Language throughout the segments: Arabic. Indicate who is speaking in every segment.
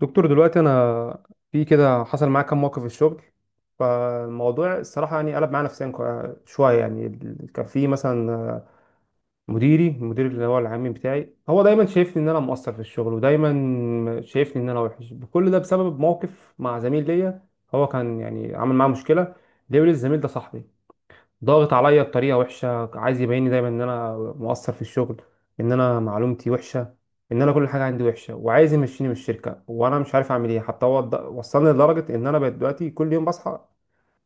Speaker 1: دكتور دلوقتي انا في كده حصل معايا كام موقف في الشغل. فالموضوع الصراحه يعني قلب معايا نفسيا شويه يعني كان في مثلا المدير اللي هو العام بتاعي، هو دايما شايفني ان انا مقصر في الشغل، ودايما شايفني ان انا وحش. كل ده بسبب موقف مع زميل ليا. هو كان يعني عمل معاه مشكله، ليه؟ الزميل ده صاحبي، ضاغط عليا بطريقه وحشه، عايز يبيني دايما ان انا مقصر في الشغل، ان انا معلومتي وحشه، ان انا كل حاجه عندي وحشه، وعايز يمشيني من الشركه. وانا مش عارف اعمل ايه. حتى هو وصلني لدرجه ان انا بقيت دلوقتي كل يوم بصحى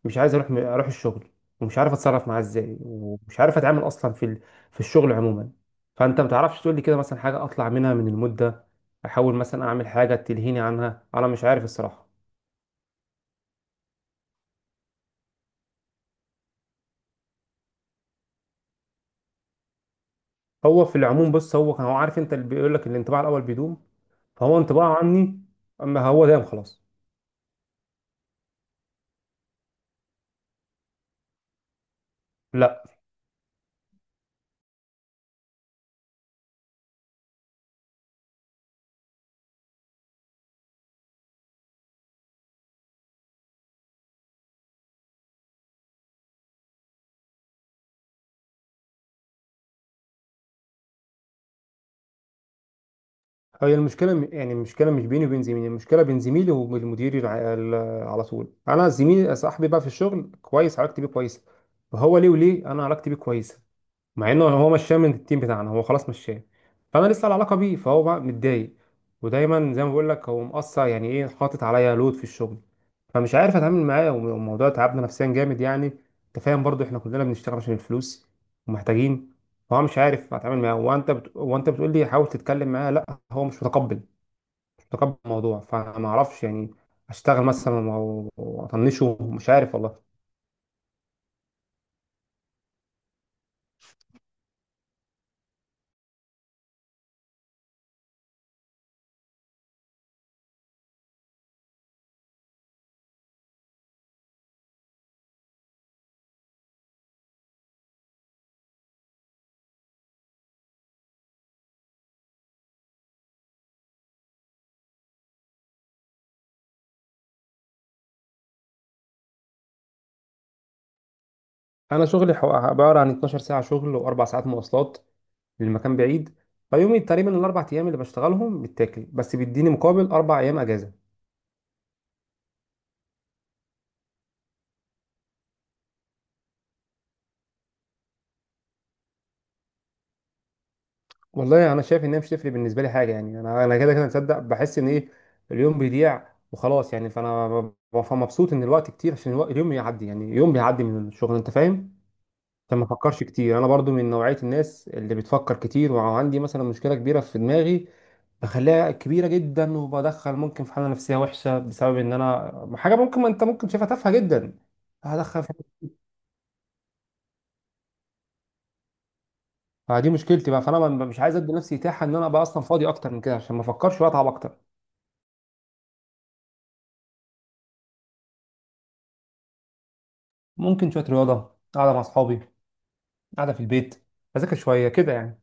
Speaker 1: مش عايز اروح، الشغل. ومش عارف اتصرف معاه ازاي، ومش عارف اتعامل اصلا في في الشغل عموما. فانت ما تعرفش تقول لي كده مثلا حاجه اطلع منها من المده، احاول مثلا اعمل حاجه تلهيني عنها؟ انا مش عارف الصراحه. هو في العموم بص، هو كان هو عارف، انت اللي بيقول لك الانطباع الاول بيدوم. فهو انطباعه عني اما هو دايم خلاص. لا. هي المشكله يعني المشكله مش بيني وبين زميلي، المشكله بين زميلي وبين المدير على طول. انا زميلي صاحبي بقى في الشغل، كويس، علاقتي بيه كويسه. وهو ليه، وليه انا علاقتي بيه كويسه مع انه هو مشاه من التيم بتاعنا، هو خلاص مشاه. فانا لسه على علاقه بيه، فهو بقى متضايق. ودايما زي ما بقول لك هو مقصر يعني ايه، حاطط عليا لود في الشغل. فمش عارف اتعامل معاه والموضوع تعبنا نفسيا جامد يعني. انت فاهم برضو، احنا كلنا بنشتغل عشان الفلوس ومحتاجين. فهو مش عارف اتعامل معاه. وانت بتقول لي حاول تتكلم معاه، لا، هو مش متقبل، مش متقبل الموضوع. فما اعرفش يعني اشتغل مثلا واطنشه؟ مش عارف والله. انا شغلي عباره عن 12 ساعه شغل واربع ساعات مواصلات، للمكان بعيد. فيومي تقريبا الاربع ايام اللي بشتغلهم بتاكل، بس بيديني مقابل اربع ايام اجازه. والله انا شايف انها مش تفرق بالنسبه لي حاجه يعني. انا كده كده مصدق، بحس ان ايه، اليوم بيضيع وخلاص يعني. فانا مبسوط ان الوقت كتير، عشان الوقت اليوم يعدي يعني، يوم بيعدي من الشغل، انت فاهم. فما بفكرش كتير. انا برضو من نوعيه الناس اللي بتفكر كتير، وعندي مثلا مشكله كبيره في دماغي بخليها كبيره جدا، وبدخل ممكن في حاله نفسيه وحشه بسبب ان انا حاجه ممكن، ما انت ممكن شايفها تافهه جدا. هدخل في- فدي مشكلتي بقى. فانا مش عايز ادي نفسي اتاحه ان انا بقى اصلا فاضي اكتر من كده، عشان ما افكرش واتعب اكتر. ممكن شوية رياضة، قاعدة مع أصحابي، قاعدة في البيت، أذاكر شوية كده يعني.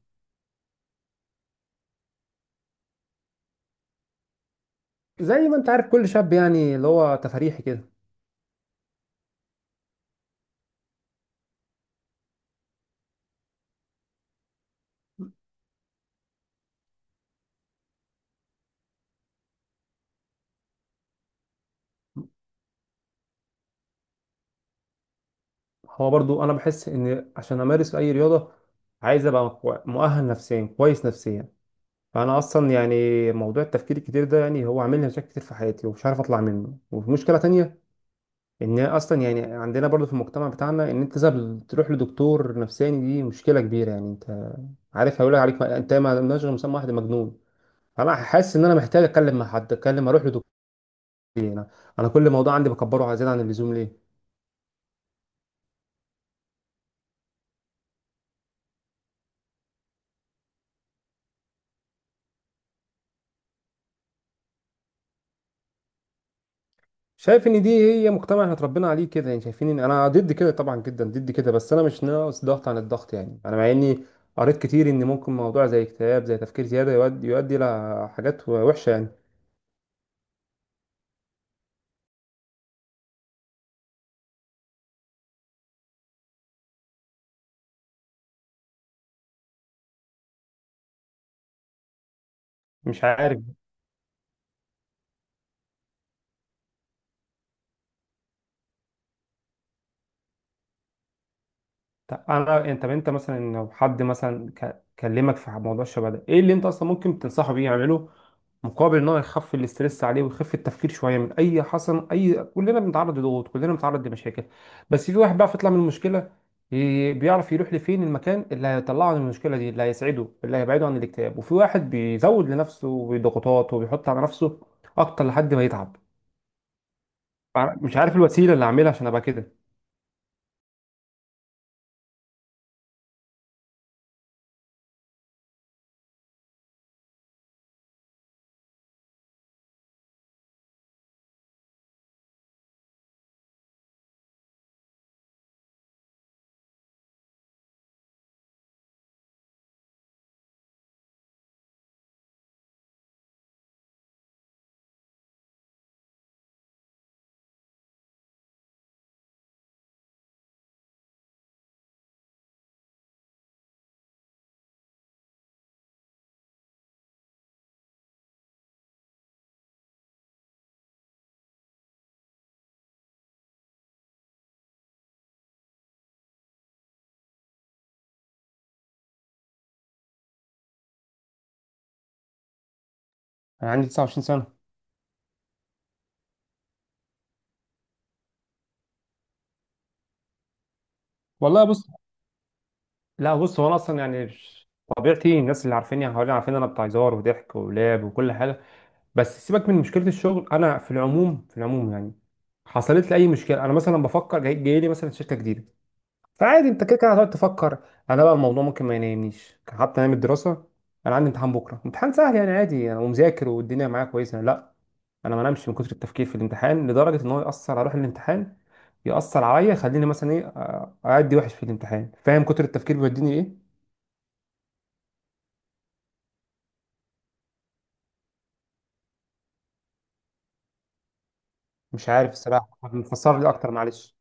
Speaker 1: زي ما أنت عارف كل شاب يعني، اللي هو تفريحي كده. هو برضو أنا بحس إن عشان أمارس أي رياضة عايز أبقى مؤهل نفسيا، كويس نفسيا. فأنا أصلا يعني موضوع التفكير الكتير ده يعني هو عامل لي مشاكل كتير في حياتي، ومش عارف أطلع منه. وفي مشكلة تانية، إن أصلا يعني عندنا برضو في المجتمع بتاعنا إن أنت لازم تروح لدكتور نفساني دي مشكلة كبيرة يعني. أنت عارف هيقول عليك أنت ما لناش غير مسمى واحد، مجنون. انا حاسس ان انا محتاج اتكلم مع حد، اتكلم، اروح لدكتور. إيه، انا انا كل موضوع عندي بكبره زياده عن اللزوم، ليه؟ شايف ان دي هي مجتمع احنا اتربينا عليه كده يعني. شايفين ان انا ضد كده، طبعا جدا ضد كده، بس انا مش ناقص ضغط عن الضغط يعني. انا مع اني قريت كتير ان ممكن موضوع زي اكتئاب، زي تفكير زياده، يؤدي لحاجات وحشه يعني. مش عارف. طب انا، انت، مثلا لو حد مثلا كلمك في موضوع الشبه ده، ايه اللي انت اصلا ممكن تنصحه بيه يعمله مقابل ان هو يخفف الاسترس عليه، ويخفف التفكير شويه؟ من اي حصل اي، كلنا بنتعرض لضغوط، كلنا بنتعرض لمشاكل، بس في واحد بقى يطلع من المشكله، بيعرف يروح لفين، المكان اللي هيطلعه من المشكله دي، اللي هيسعده، اللي هيبعده عن الاكتئاب. وفي واحد بيزود لنفسه بضغوطات، وبيحط على نفسه اكتر لحد ما يتعب. مش عارف الوسيله اللي اعملها عشان ابقى كده. انا عندي 29 سنه. والله بص، لا بص، هو انا اصلا يعني طبيعتي، الناس اللي عارفيني حواليا عارفين إن انا بتاع هزار وضحك ولعب وكل حاجه. بس سيبك من مشكله الشغل. انا في العموم، يعني حصلت لي اي مشكله، انا مثلا بفكر، جاي، جاي لي مثلا شركه جديده، فعادي انت كده كده هتقعد تفكر. انا بقى الموضوع ممكن ما ينامنيش. حتى ايام الدراسه، انا عندي امتحان بكره، امتحان سهل يعني عادي، انا ومذاكر، والدنيا معايا كويسه، لا، انا ما نامش من كتر التفكير في الامتحان، لدرجه ان هو ياثر على روح الامتحان، ياثر عليا، يخليني مثلا ايه اعدي وحش في الامتحان. فاهم كتر التفكير بيوديني ايه. مش عارف الصراحه. فسر لي اكتر معلش.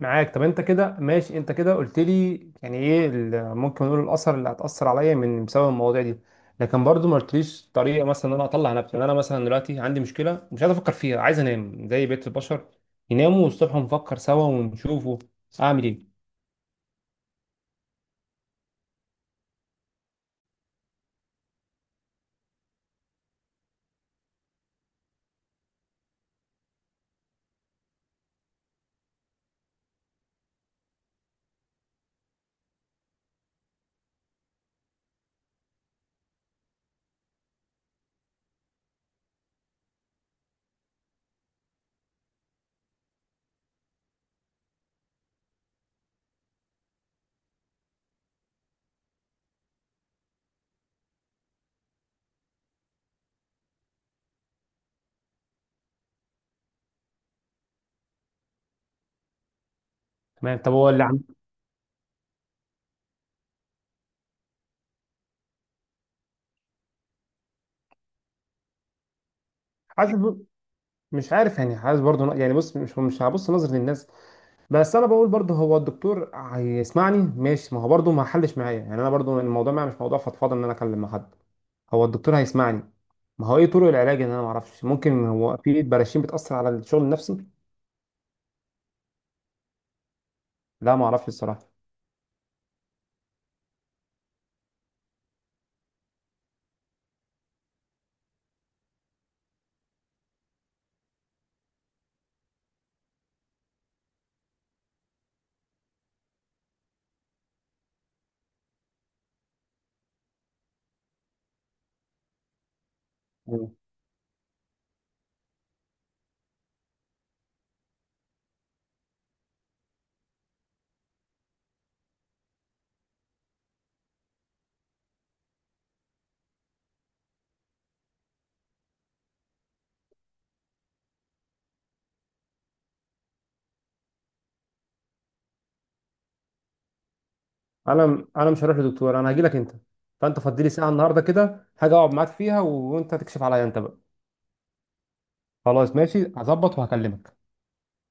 Speaker 1: معاك. طب انت كده ماشي، انت كده قلت لي يعني ايه ممكن نقول الاثر اللي هتاثر عليا من بسبب المواضيع دي، لكن برضو ما قلتليش طريقه مثلا ان انا اطلع نفسي. يعني انا مثلا دلوقتي عندي مشكله مش عايز افكر فيها، عايز انام زي بقيه البشر يناموا، والصبح نفكر سوا ونشوفوا. اعمل ايه؟ تمام. طب هو اللي حاسس ب- مش عارف يعني. حاسس برضو يعني بص، مش هبص نظرة للناس، بس انا بقول برضه هو الدكتور هيسمعني ماشي، ما هو برضه ما حلش معايا يعني. انا برضه الموضوع معايا مش موضوع فضفاضه ان انا اكلم مع حد. هو الدكتور هيسمعني، ما هو ايه طرق العلاج؟ ان انا ما اعرفش ممكن هو في براشين بتاثر على الشغل النفسي. لا ما اعرفش الصراحه. مم. انا مش هروح لدكتور، انا هاجي لك انت. فانت فضي لي ساعه النهارده كده، هاجي اقعد معاك فيها، وانت تكشف عليا انت بقى. خلاص ماشي، هظبط وهكلمك.